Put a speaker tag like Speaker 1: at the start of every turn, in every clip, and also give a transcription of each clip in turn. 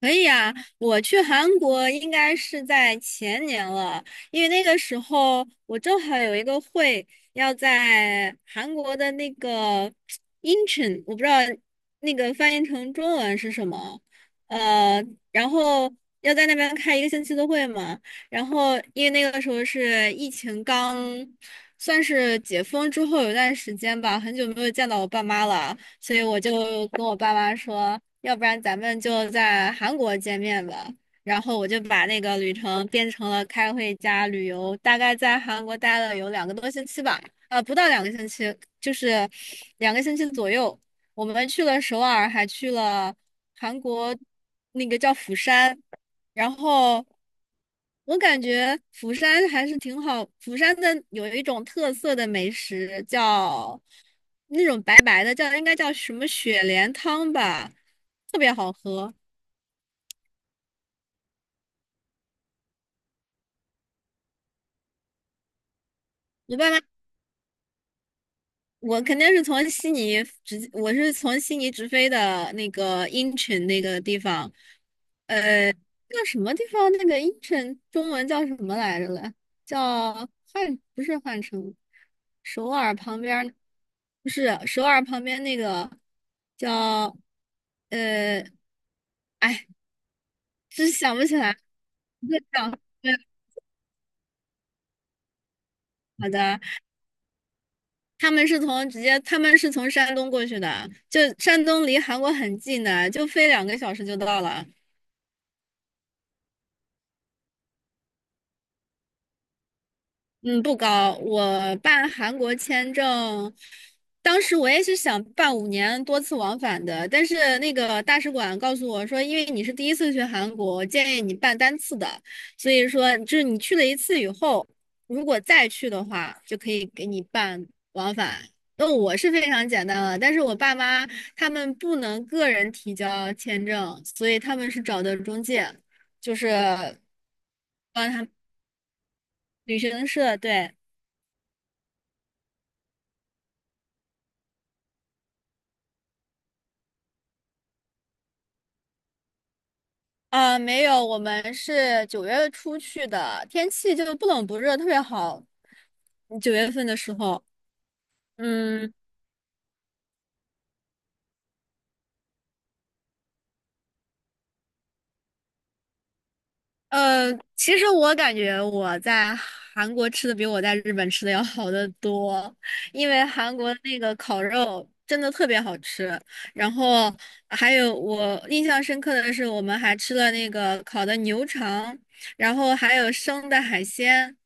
Speaker 1: 可以啊，我去韩国应该是在前年了，因为那个时候我正好有一个会要在韩国的那个 Incheon，我不知道那个翻译成中文是什么，呃，然后要在那边开1个星期的会嘛，然后因为那个时候是疫情刚算是解封之后有段时间吧，很久没有见到我爸妈了。所以我就跟我爸妈说，要不然咱们就在韩国见面吧。然后我就把那个旅程变成了开会加旅游，大概在韩国待了有2个多星期吧，不到两个星期，就是两个星期左右。我们去了首尔，还去了韩国那个叫釜山。然后我感觉釜山还是挺好，釜山的有一种特色的美食叫那种白白的，叫应该叫什么雪莲汤吧，特别好喝。我爸妈我肯定是从悉尼直，我是从悉尼直飞的那个英城那个地方，叫什么地方？那个英城中文叫什么来着了？叫汉，不是汉城，首尔旁边儿不是首尔旁边那个叫，呃，哎，真想不起来，对，叫对好的。他们是从直接，他们是从山东过去的，就山东离韩国很近的，就飞2个小时就到了。嗯，不高。我办韩国签证，当时我也是想办5年多次往返的，但是那个大使馆告诉我说，因为你是第一次去韩国，我建议你办单次的。所以说，就是你去了一次以后，如果再去的话，就可以给你办往返。那我是非常简单了，但是我爸妈他们不能个人提交签证，所以他们是找的中介，就是帮他们旅行社，对。啊，没有，我们是9月初去的，天气就不冷不热，特别好。9月份的时候，嗯，呃，其实我感觉我在韩国吃的比我在日本吃的要好得多，因为韩国那个烤肉真的特别好吃。然后还有我印象深刻的是，我们还吃了那个烤的牛肠，然后还有生的海鲜，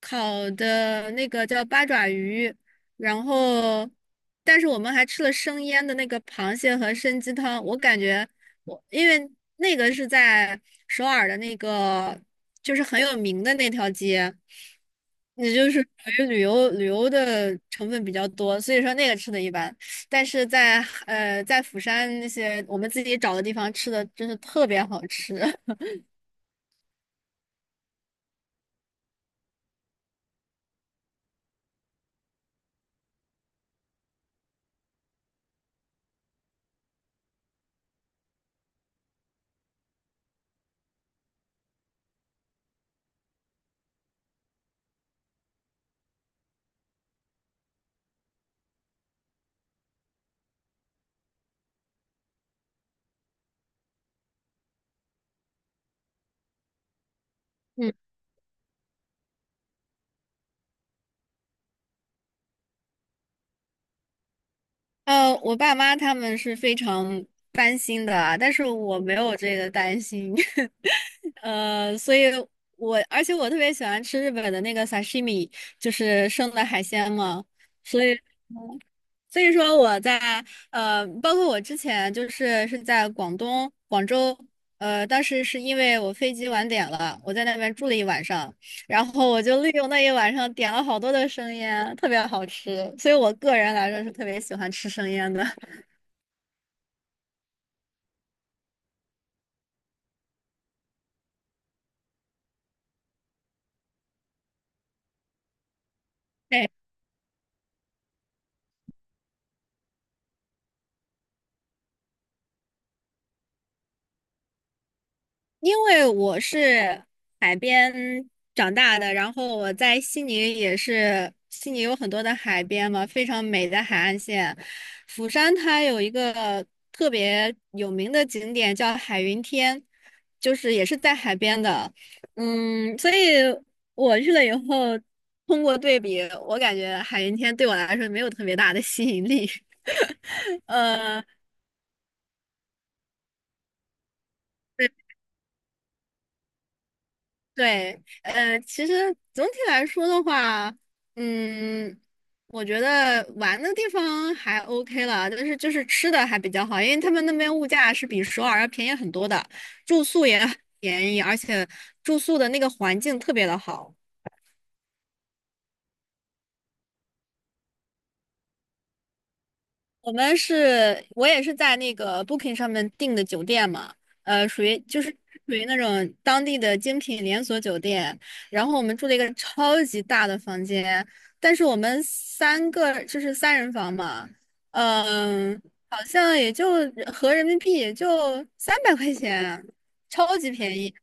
Speaker 1: 烤的那个叫八爪鱼，然后但是我们还吃了生腌的那个螃蟹和参鸡汤，我感觉。我因为那个是在首尔的那个，就是很有名的那条街，也就是属于旅游旅游的成分比较多，所以说那个吃的一般。但是在在釜山那些我们自己找的地方吃的真是特别好吃。嗯，我爸妈他们是非常担心的啊但是我没有这个担心。所以我而且我特别喜欢吃日本的那个 sashimi，就是生的海鲜嘛，所以所以说我在包括我之前是在广东广州，当时是因为我飞机晚点了，我在那边住了一晚上，然后我就利用那一晚上点了好多的生腌，特别好吃，所以我个人来说是特别喜欢吃生腌的。因为我是海边长大的，然后我在悉尼也是，悉尼有很多的海边嘛，非常美的海岸线。釜山它有一个特别有名的景点叫海云天，就是也是在海边的。嗯，所以我去了以后，通过对比，我感觉海云天对我来说没有特别大的吸引力。呃。对，其实总体来说的话，嗯，我觉得玩的地方还 OK 了，但是就是吃的还比较好，因为他们那边物价是比首尔要便宜很多的，住宿也很便宜，而且住宿的那个环境特别的好。我们是，我也是在那个 Booking 上面订的酒店嘛，属于就是属于那种当地的精品连锁酒店，然后我们住了一个超级大的房间，但是我们3个就是3人房嘛，嗯、好像也就合人民币也就300块钱，超级便宜，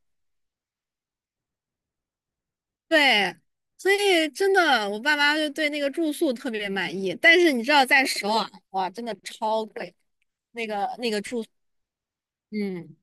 Speaker 1: 对。所以真的，我爸妈就对那个住宿特别满意，但是你知道，在首尔哇，真的超贵。那个那个住。嗯，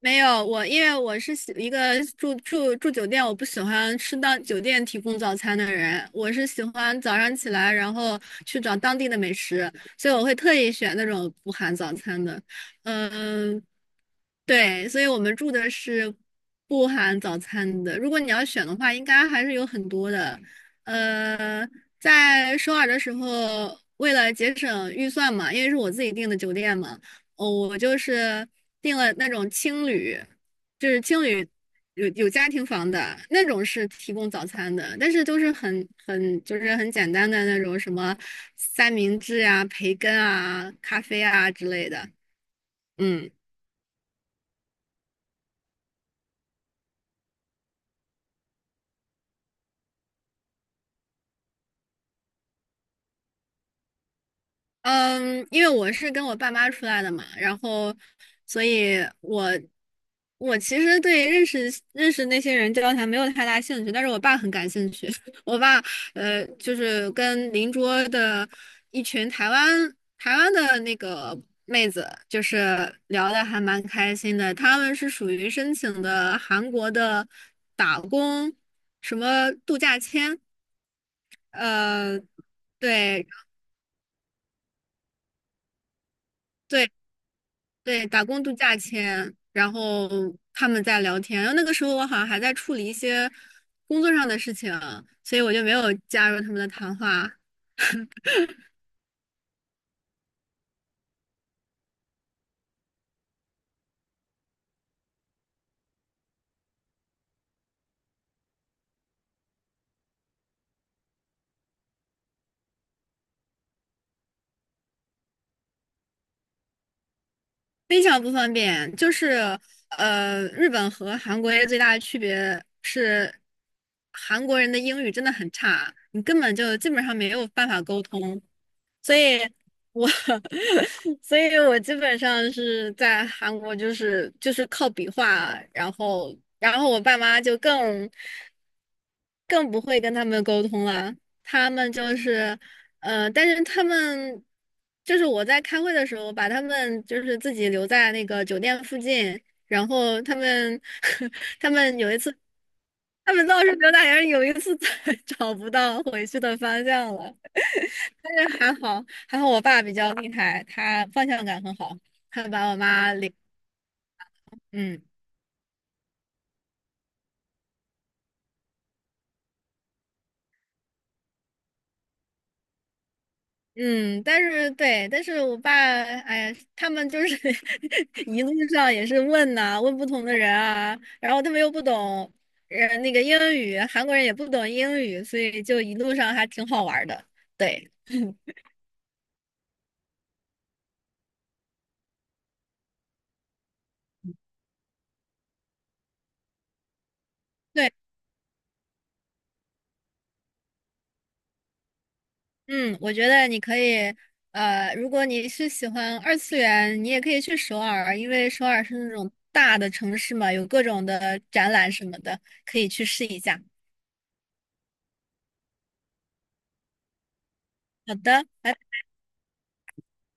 Speaker 1: 没有，我因为我是喜一个住酒店，我不喜欢吃到酒店提供早餐的人，我是喜欢早上起来，然后去找当地的美食，所以我会特意选那种不含早餐的。嗯，对，所以我们住的是不含早餐的。如果你要选的话，应该还是有很多的。呃，在首尔的时候，为了节省预算嘛，因为是我自己订的酒店嘛。哦，我就是订了那种青旅，就是青旅有家庭房的那种是提供早餐的，但是都是很就是很简单的那种什么三明治啊、培根啊、咖啡啊之类的。嗯，嗯，因为我是跟我爸妈出来的嘛，然后，所以我其实对认识那些人交谈没有太大兴趣，但是我爸很感兴趣。我爸就是跟邻桌的一群台湾的那个妹子，就是聊的还蛮开心的。他们是属于申请的韩国的打工什么度假签，呃，对。对，打工度假签，然后他们在聊天，然后那个时候我好像还在处理一些工作上的事情，所以我就没有加入他们的谈话。非常不方便，就是日本和韩国最大的区别是，韩国人的英语真的很差，你根本就基本上没有办法沟通，所以我 所以我基本上是在韩国就是靠比划，然后我爸妈就更不会跟他们沟通了。他们就是，但是他们就是我在开会的时候，把他们就是自己留在那个酒店附近，然后他们 他们有1次，他们倒是刘大人有一次在 找不到回去的方向了，但是还好我爸比较厉害，他方向感很好，他把我妈领，嗯。嗯，但是对，但是我爸，哎呀，他们就是 一路上也是问呐、问不同的人啊，然后他们又不懂，那个英语，韩国人也不懂英语，所以就一路上还挺好玩儿的。对对，嗯，我觉得你可以，如果你是喜欢二次元，你也可以去首尔，因为首尔是那种大的城市嘛，有各种的展览什么的，可以去试一下。好的。拜拜。